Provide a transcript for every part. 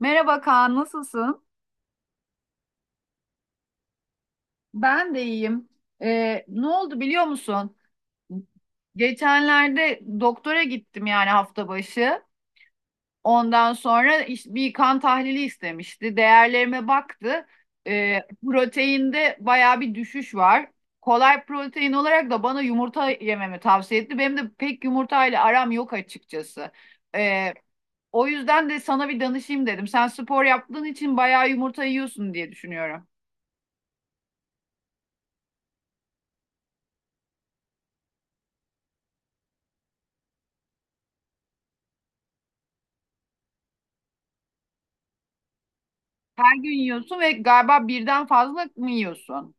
Merhaba Kaan, nasılsın? Ben de iyiyim. Ne oldu biliyor musun? Geçenlerde doktora gittim yani hafta başı. Ondan sonra bir kan tahlili istemişti. Değerlerime baktı. Ee, proteinde baya bir düşüş var. Kolay protein olarak da bana yumurta yememi tavsiye etti. Benim de pek yumurtayla aram yok açıkçası. Ee, o yüzden de sana bir danışayım dedim. Sen spor yaptığın için bayağı yumurta yiyorsun diye düşünüyorum. Her gün yiyorsun ve galiba birden fazla mı yiyorsun?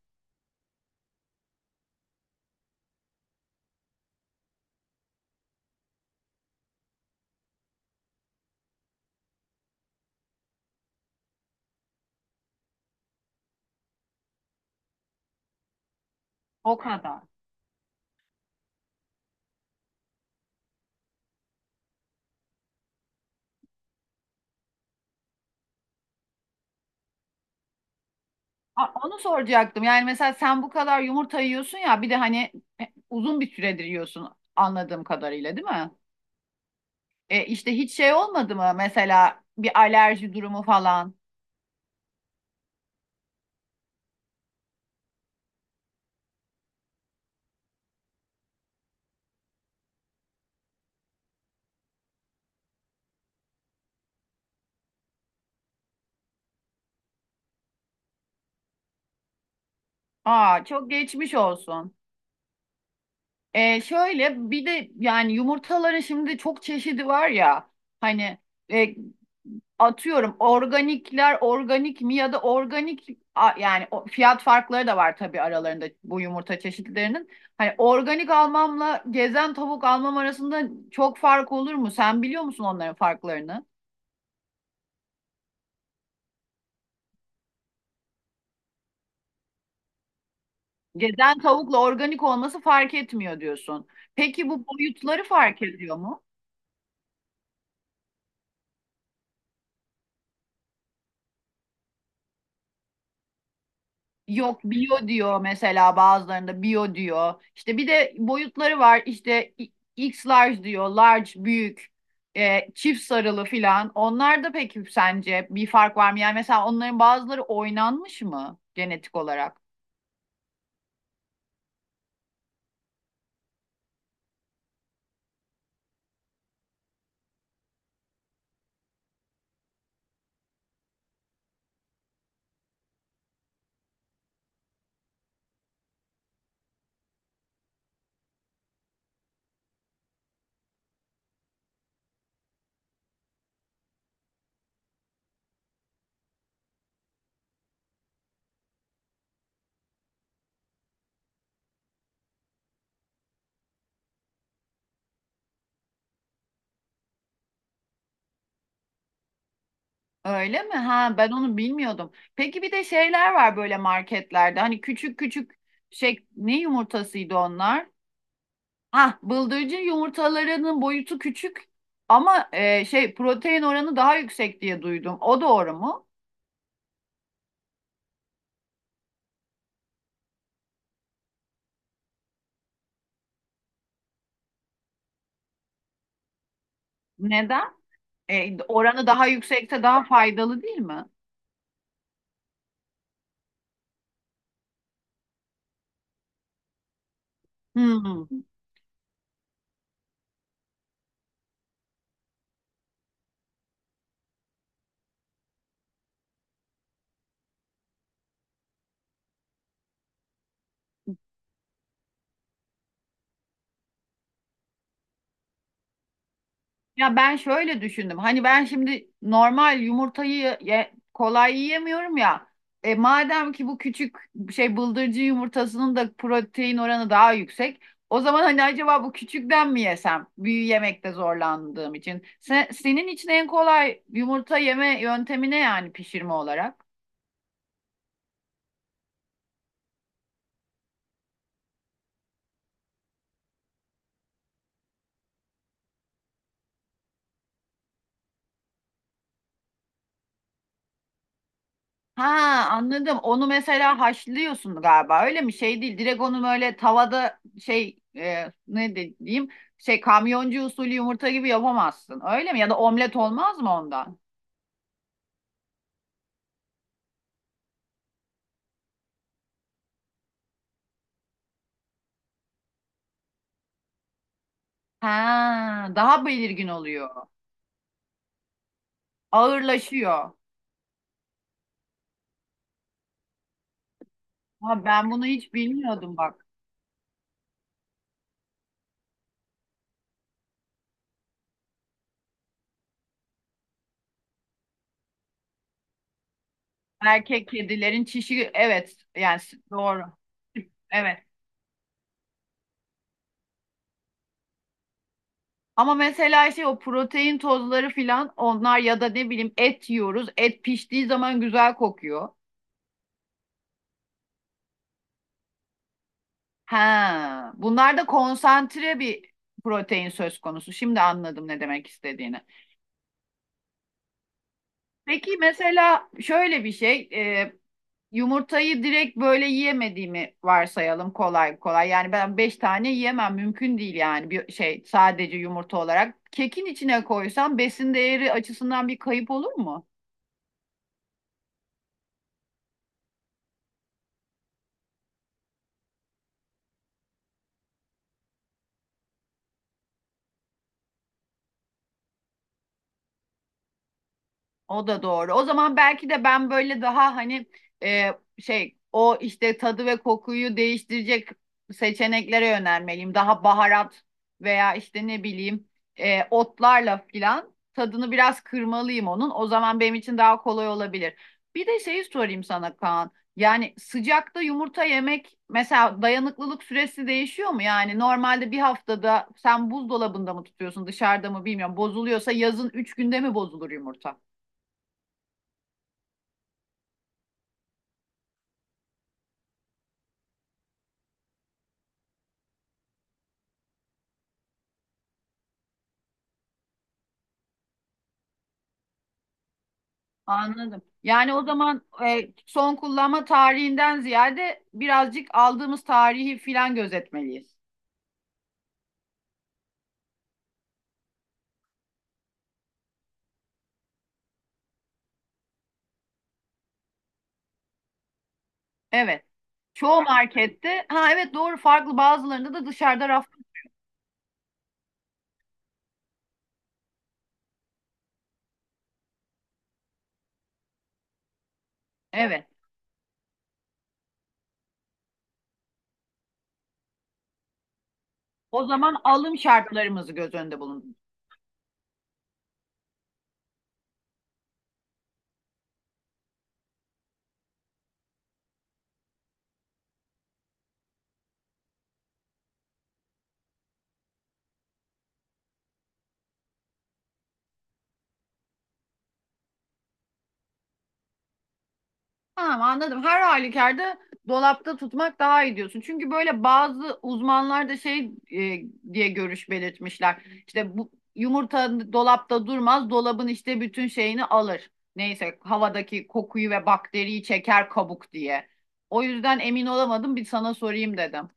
O kadar. Onu soracaktım. Yani mesela sen bu kadar yumurta yiyorsun ya bir de hani uzun bir süredir yiyorsun anladığım kadarıyla değil mi? E işte hiç şey olmadı mı mesela bir alerji durumu falan? Aa çok geçmiş olsun. Şöyle bir de yani yumurtaların şimdi çok çeşidi var ya hani e, atıyorum organikler organik mi ya da organik yani fiyat farkları da var tabii aralarında bu yumurta çeşitlerinin. Hani organik almamla gezen tavuk almam arasında çok fark olur mu? Sen biliyor musun onların farklarını? Gezen tavukla organik olması fark etmiyor diyorsun. Peki bu boyutları fark ediyor mu? Yok bio diyor mesela bazılarında bio diyor. İşte bir de boyutları var. İşte X large diyor. Large büyük. Çift sarılı filan. Onlar da peki sence bir fark var mı? Yani mesela onların bazıları oynanmış mı genetik olarak? Öyle mi? Ha, ben onu bilmiyordum. Peki bir de şeyler var böyle marketlerde. Hani küçük küçük şey ne yumurtasıydı onlar? Ha, bıldırcın yumurtalarının boyutu küçük ama şey protein oranı daha yüksek diye duydum. O doğru mu? Neden? Oranı daha yüksekse daha faydalı değil mi? Hmm. Ya ben şöyle düşündüm. Hani ben şimdi normal yumurtayı kolay yiyemiyorum ya. Madem ki bu küçük şey bıldırcın yumurtasının da protein oranı daha yüksek. O zaman hani acaba bu küçükten mi yesem? Büyü yemekte zorlandığım için. Senin için en kolay yumurta yeme yöntemi ne yani pişirme olarak? Ha, anladım. Onu mesela haşlıyorsun galiba. Öyle mi? Şey değil. Direkt onu böyle tavada şey ne diyeyim? Şey kamyoncu usulü yumurta gibi yapamazsın. Öyle mi? Ya da omlet olmaz mı ondan? Ha, daha belirgin oluyor. Ağırlaşıyor. Ha, ben bunu hiç bilmiyordum bak. Erkek kedilerin çişi, evet, yani doğru. Evet. Ama mesela şey o protein tozları filan onlar ya da ne bileyim et yiyoruz. Et piştiği zaman güzel kokuyor. Ha, bunlar da konsantre bir protein söz konusu. Şimdi anladım ne demek istediğini. Peki mesela şöyle bir şey, e, yumurtayı direkt böyle yiyemediğimi varsayalım kolay kolay. Yani ben 5 tane yiyemem, mümkün değil yani, bir şey sadece yumurta olarak. Kekin içine koysam besin değeri açısından bir kayıp olur mu? O da doğru. O zaman belki de ben böyle daha hani e, şey o işte tadı ve kokuyu değiştirecek seçeneklere yönelmeliyim. Daha baharat veya işte ne bileyim otlarla filan tadını biraz kırmalıyım onun. O zaman benim için daha kolay olabilir. Bir de şeyi sorayım sana Kaan. Yani sıcakta yumurta yemek mesela dayanıklılık süresi değişiyor mu? Yani normalde bir haftada sen buzdolabında mı tutuyorsun dışarıda mı bilmiyorum. Bozuluyorsa yazın 3 günde mi bozulur yumurta? Anladım. Yani o zaman son kullanma tarihinden ziyade birazcık aldığımız tarihi filan gözetmeliyiz. Evet. Çoğu markette, ha evet doğru, farklı bazılarında da dışarıda raf. Evet. O zaman alım şartlarımızı göz önünde bulun. Tamam, anladım. Her halükarda dolapta tutmak daha iyi diyorsun. Çünkü böyle bazı uzmanlar da şey diye görüş belirtmişler. İşte bu yumurta dolapta durmaz, dolabın işte bütün şeyini alır. Neyse, havadaki kokuyu ve bakteriyi çeker kabuk diye. O yüzden emin olamadım, bir sana sorayım dedim.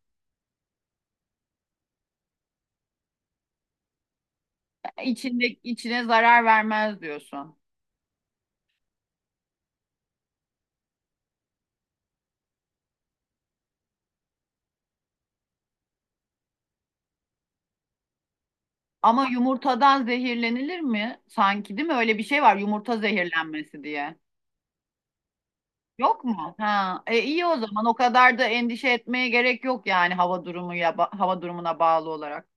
İçinde içine zarar vermez diyorsun. Ama yumurtadan zehirlenilir mi? Sanki değil mi? Öyle bir şey var, yumurta zehirlenmesi diye. Yok mu? Ha, iyi o zaman. O kadar da endişe etmeye gerek yok yani hava durumu ya hava durumuna bağlı olarak.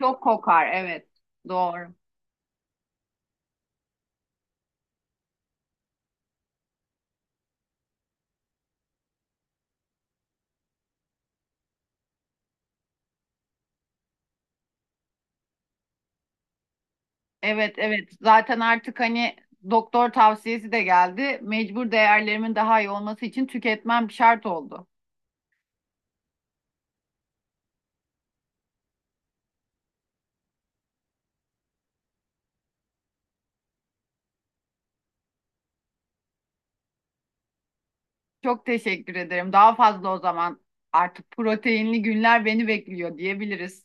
Çok kokar, evet. Doğru. Evet, evet. Zaten artık hani doktor tavsiyesi de geldi. Mecbur, değerlerimin daha iyi olması için tüketmem şart oldu. Çok teşekkür ederim. Daha fazla o zaman artık proteinli günler beni bekliyor diyebiliriz.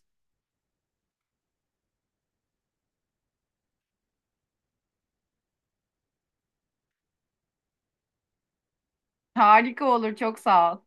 Harika olur. Çok sağ ol.